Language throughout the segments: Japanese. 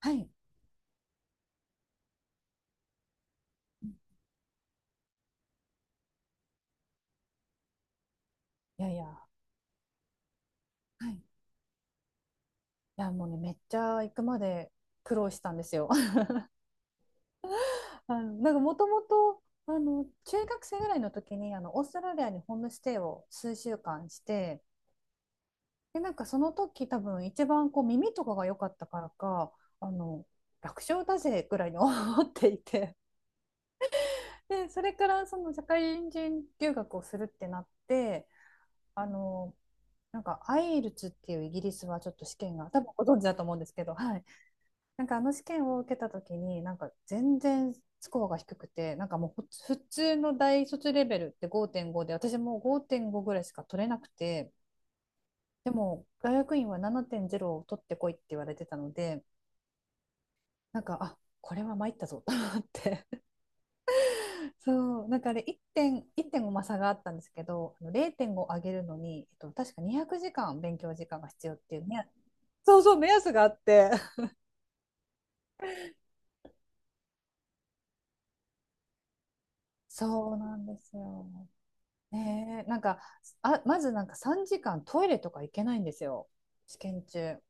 はい。いやいや、はい。いやもうね、めっちゃ行くまで苦労したんですよ。なんかもともと、中学生ぐらいの時に、オーストラリアにホームステイを数週間して、で、なんかその時多分一番こう耳とかが良かったからか、あの、楽勝だぜぐらいに 思っていて、で、それからその社会人留学をするってなって、あの、なんかアイルツっていうイギリスはちょっと試験が多分ご存知だと思うんですけど、はい。なんかあの試験を受けた時になんか全然スコアが低くて、なんかもう普通の大卒レベルって5.5で、私もう5.5ぐらいしか取れなくて、でも大学院は7.0を取ってこいって言われてたので、なんかあ、これは参ったぞと思って。 そう、なんかあれ1点1.5、まあ差があったんですけど、0.5上げるのに、確か200時間勉強時間が必要っていうね、そうそう目安があって。 そうなんですよ。ねえ、なんか、あ、まずなんか3時間トイレとか行けないんですよ。試験中。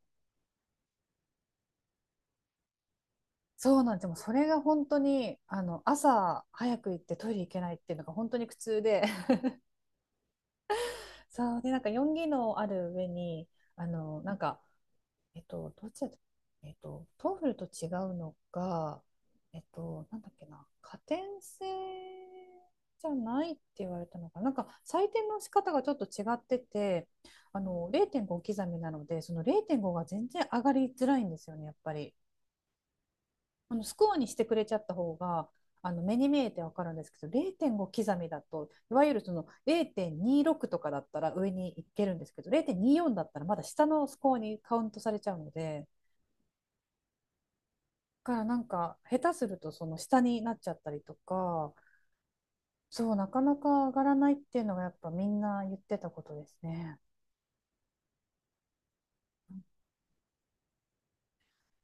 そうなんですよ。もうそれが本当に、朝早く行ってトイレ行けないっていうのが本当に苦痛で、そう、で、なんか4技能ある上に、なんか、どっちだった、トーフルと違うのが、なんだっけな、加点制じゃないって言われたのかな、なんか採点の仕方がちょっと違ってて、0.5刻みなので、その0.5が全然上がりづらいんですよね、やっぱり。スコアにしてくれちゃった方が、目に見えてわかるんですけど、0.5刻みだと、いわゆるその0.26とかだったら上に行けるんですけど、0.24だったらまだ下のスコアにカウントされちゃうので。からなんか下手するとその下になっちゃったりとか、そうなかなか上がらないっていうのがやっぱみんな言ってたことですね。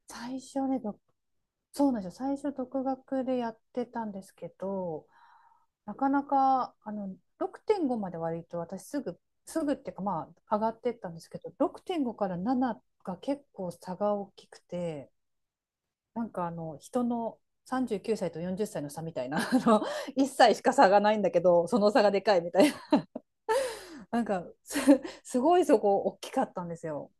最初ね、そうなんですよ、最初独学でやってたんですけど、なかなか6.5まで割と私すぐ、すぐっていうか、まあ上がってったんですけど、6.5から7が結構差が大きくて、なんかあの人の39歳と40歳の差みたいな、あの1 歳しか差がないんだけど、その差がでかいみたいな、なんかすごいそこ大きかったんですよ。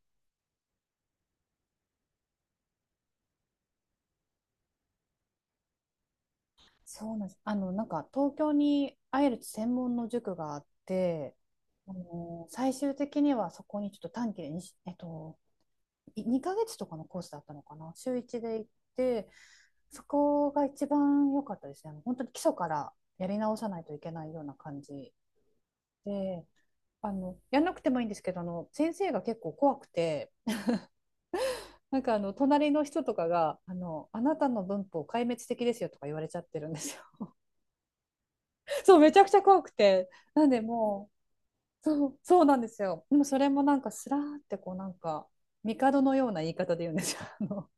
そうなんです。なんか東京にアイルツ専門の塾があって、最終的にはそこにちょっと短期でにえっと、い2ヶ月とかのコースだったのかな、週1で行って、そこが一番良かったですね。本当に基礎からやり直さないといけないような感じで、やんなくてもいいんですけど、先生が結構怖くて、なんかあの隣の人とかがあなたの文法壊滅的ですよとか言われちゃってるんですよ。そう、めちゃくちゃ怖くて。なんでもう、そう、そうなんですよ。でもそれもなんかスラーってこうなんか、帝のような言い方で言うんですよ。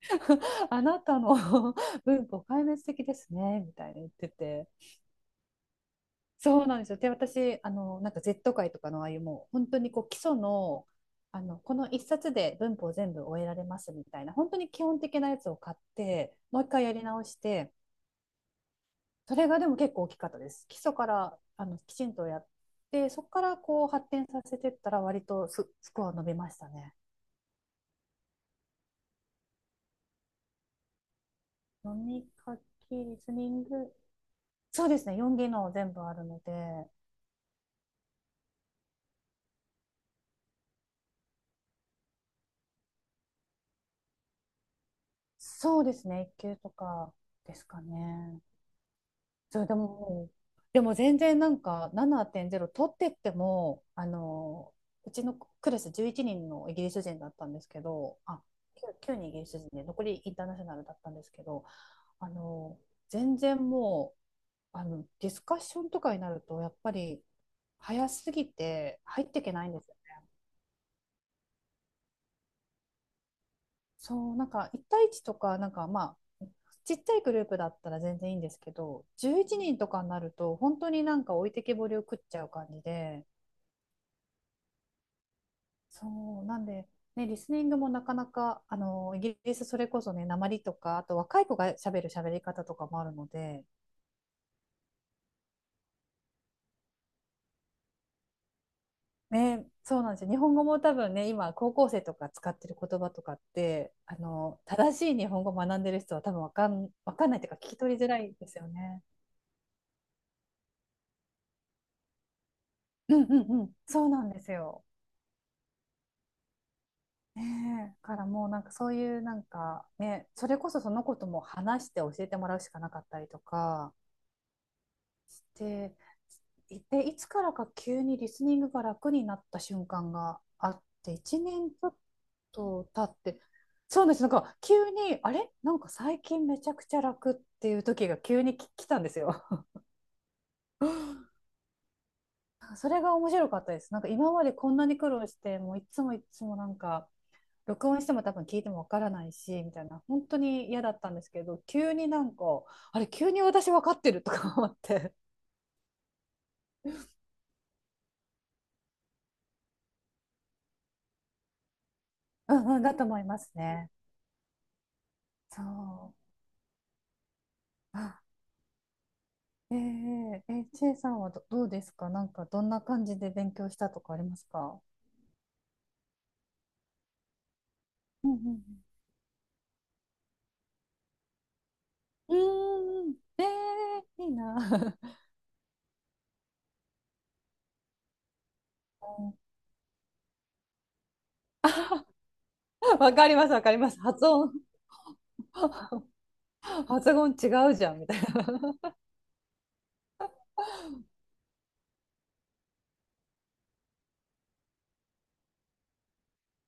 あなたの 文法壊滅的ですね、みたいに言ってて。そうなんですよ。で、私、なんか Z 界とかのああいうもう、本当にこう基礎の、この一冊で文法全部終えられますみたいな、本当に基本的なやつを買って、もう一回やり直して、それがでも結構大きかったです。基礎からきちんとやって、そこからこう発展させてったら、割とスコア伸びましたね。読み書き、リスニング、そうですね、4技能全部あるので、そうですね、1級とかですかね。そう、でも、全然なんか7.0取ってっても、うちのクラス11人のイギリス人だったんですけど、あ、9人イギリス人で残りインターナショナルだったんですけど、あの、全然もう、ディスカッションとかになると、やっぱり早すぎて入っていけないんですよ。そう、なんか1対1とか、なんかまあ、ちっちゃいグループだったら全然いいんですけど、11人とかになると、本当になんか置いてけぼりを食っちゃう感じで、そうなんで、ね、リスニングもなかなかイギリスそれこそね訛りとかあと若い子が喋る喋り方とかもあるので、ね、そうなんですよ、日本語も多分ね今高校生とか使ってる言葉とかって正しい日本語を学んでる人は多分わかんないというか聞き取りづらいですよね。うんうんうん、そうなんですよ。ねえ、からもうなんかそういうなんかね、それこそそのことも話して教えてもらうしかなかったりとか、で、で、いつからか急にリスニングが楽になった瞬間があって、1年ちょっと経って、そうなんです、なんか急に、あれなんか最近めちゃくちゃ楽っていう時が急に来たんですよ。それが面白かったです。なんか今までこんなに苦労して、もういつもいつもなんか、録音しても多分聞いてもわからないし、みたいな、本当に嫌だったんですけど、急になんか、あれ、急に私わかってるとか思って、うんうん、だと思いますね。そう。うん、ちえさんはどうですか？なんかどんな感じで勉強したとかありますか？うんうんうん。うーん、いいな。わかります、わかります。発音、発音違うじゃん、みたいな。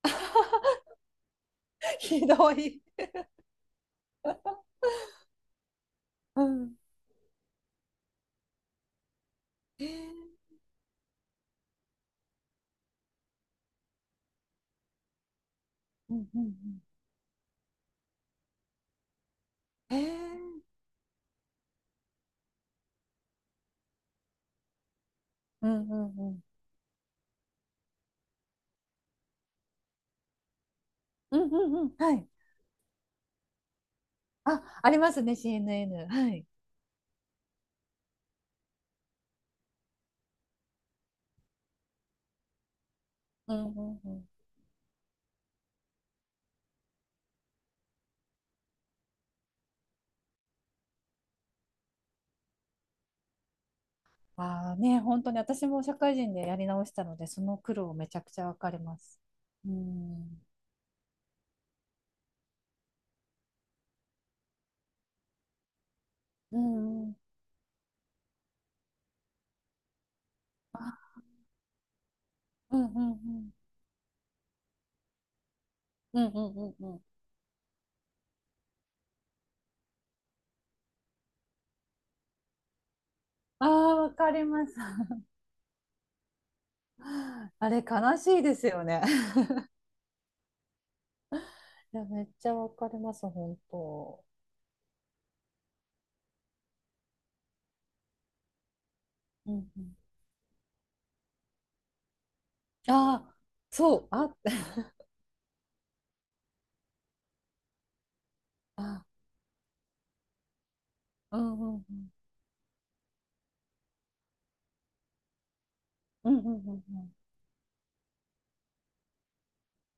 ひどい。うん。えー、うんうんうん。えー、うんうんうん。うんうんうん。はい。あ、ありますね、CNN。はい。うんうんうん。ああね、本当に私も社会人でやり直したので、その苦労めちゃくちゃわかります。うん。うんうん。あ、うんうんうん。うんうんうんうん。ああ、わかります。あれ、悲しいですよね。いや、めっちゃわかります、本当。うんうん。ああ、そう、あ、あ、うんうんうん。うんうんうんうん。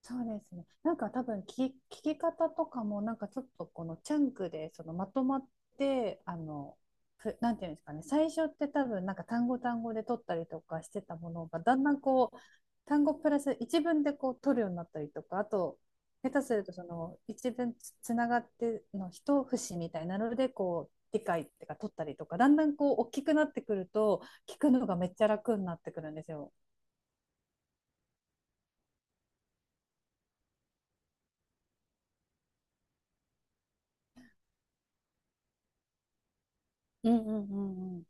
そうですね。なんか多分聞き方とかもなんかちょっとこのチャンクでそのまとまってあのふなんていうんですかね、最初って多分なんか単語単語で取ったりとかしてたものが、だんだんこう単語プラス一文でこう取るようになったりとかあと下手するとその一文つながっての一節みたいなのでこう理解ってか取ったりとか、だんだんこう大きくなってくると聞くのがめっちゃ楽になってくるんですよ。うんうんうんうん。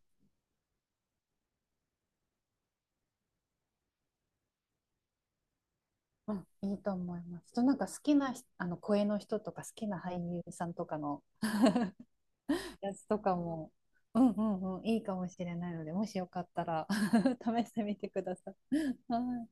うん、いいと思います。となんか好きなあの声の人とか好きな俳優さんとかのやつとかも、うんうんうん、いいかもしれないので、もしよかったら 試してみてください。はい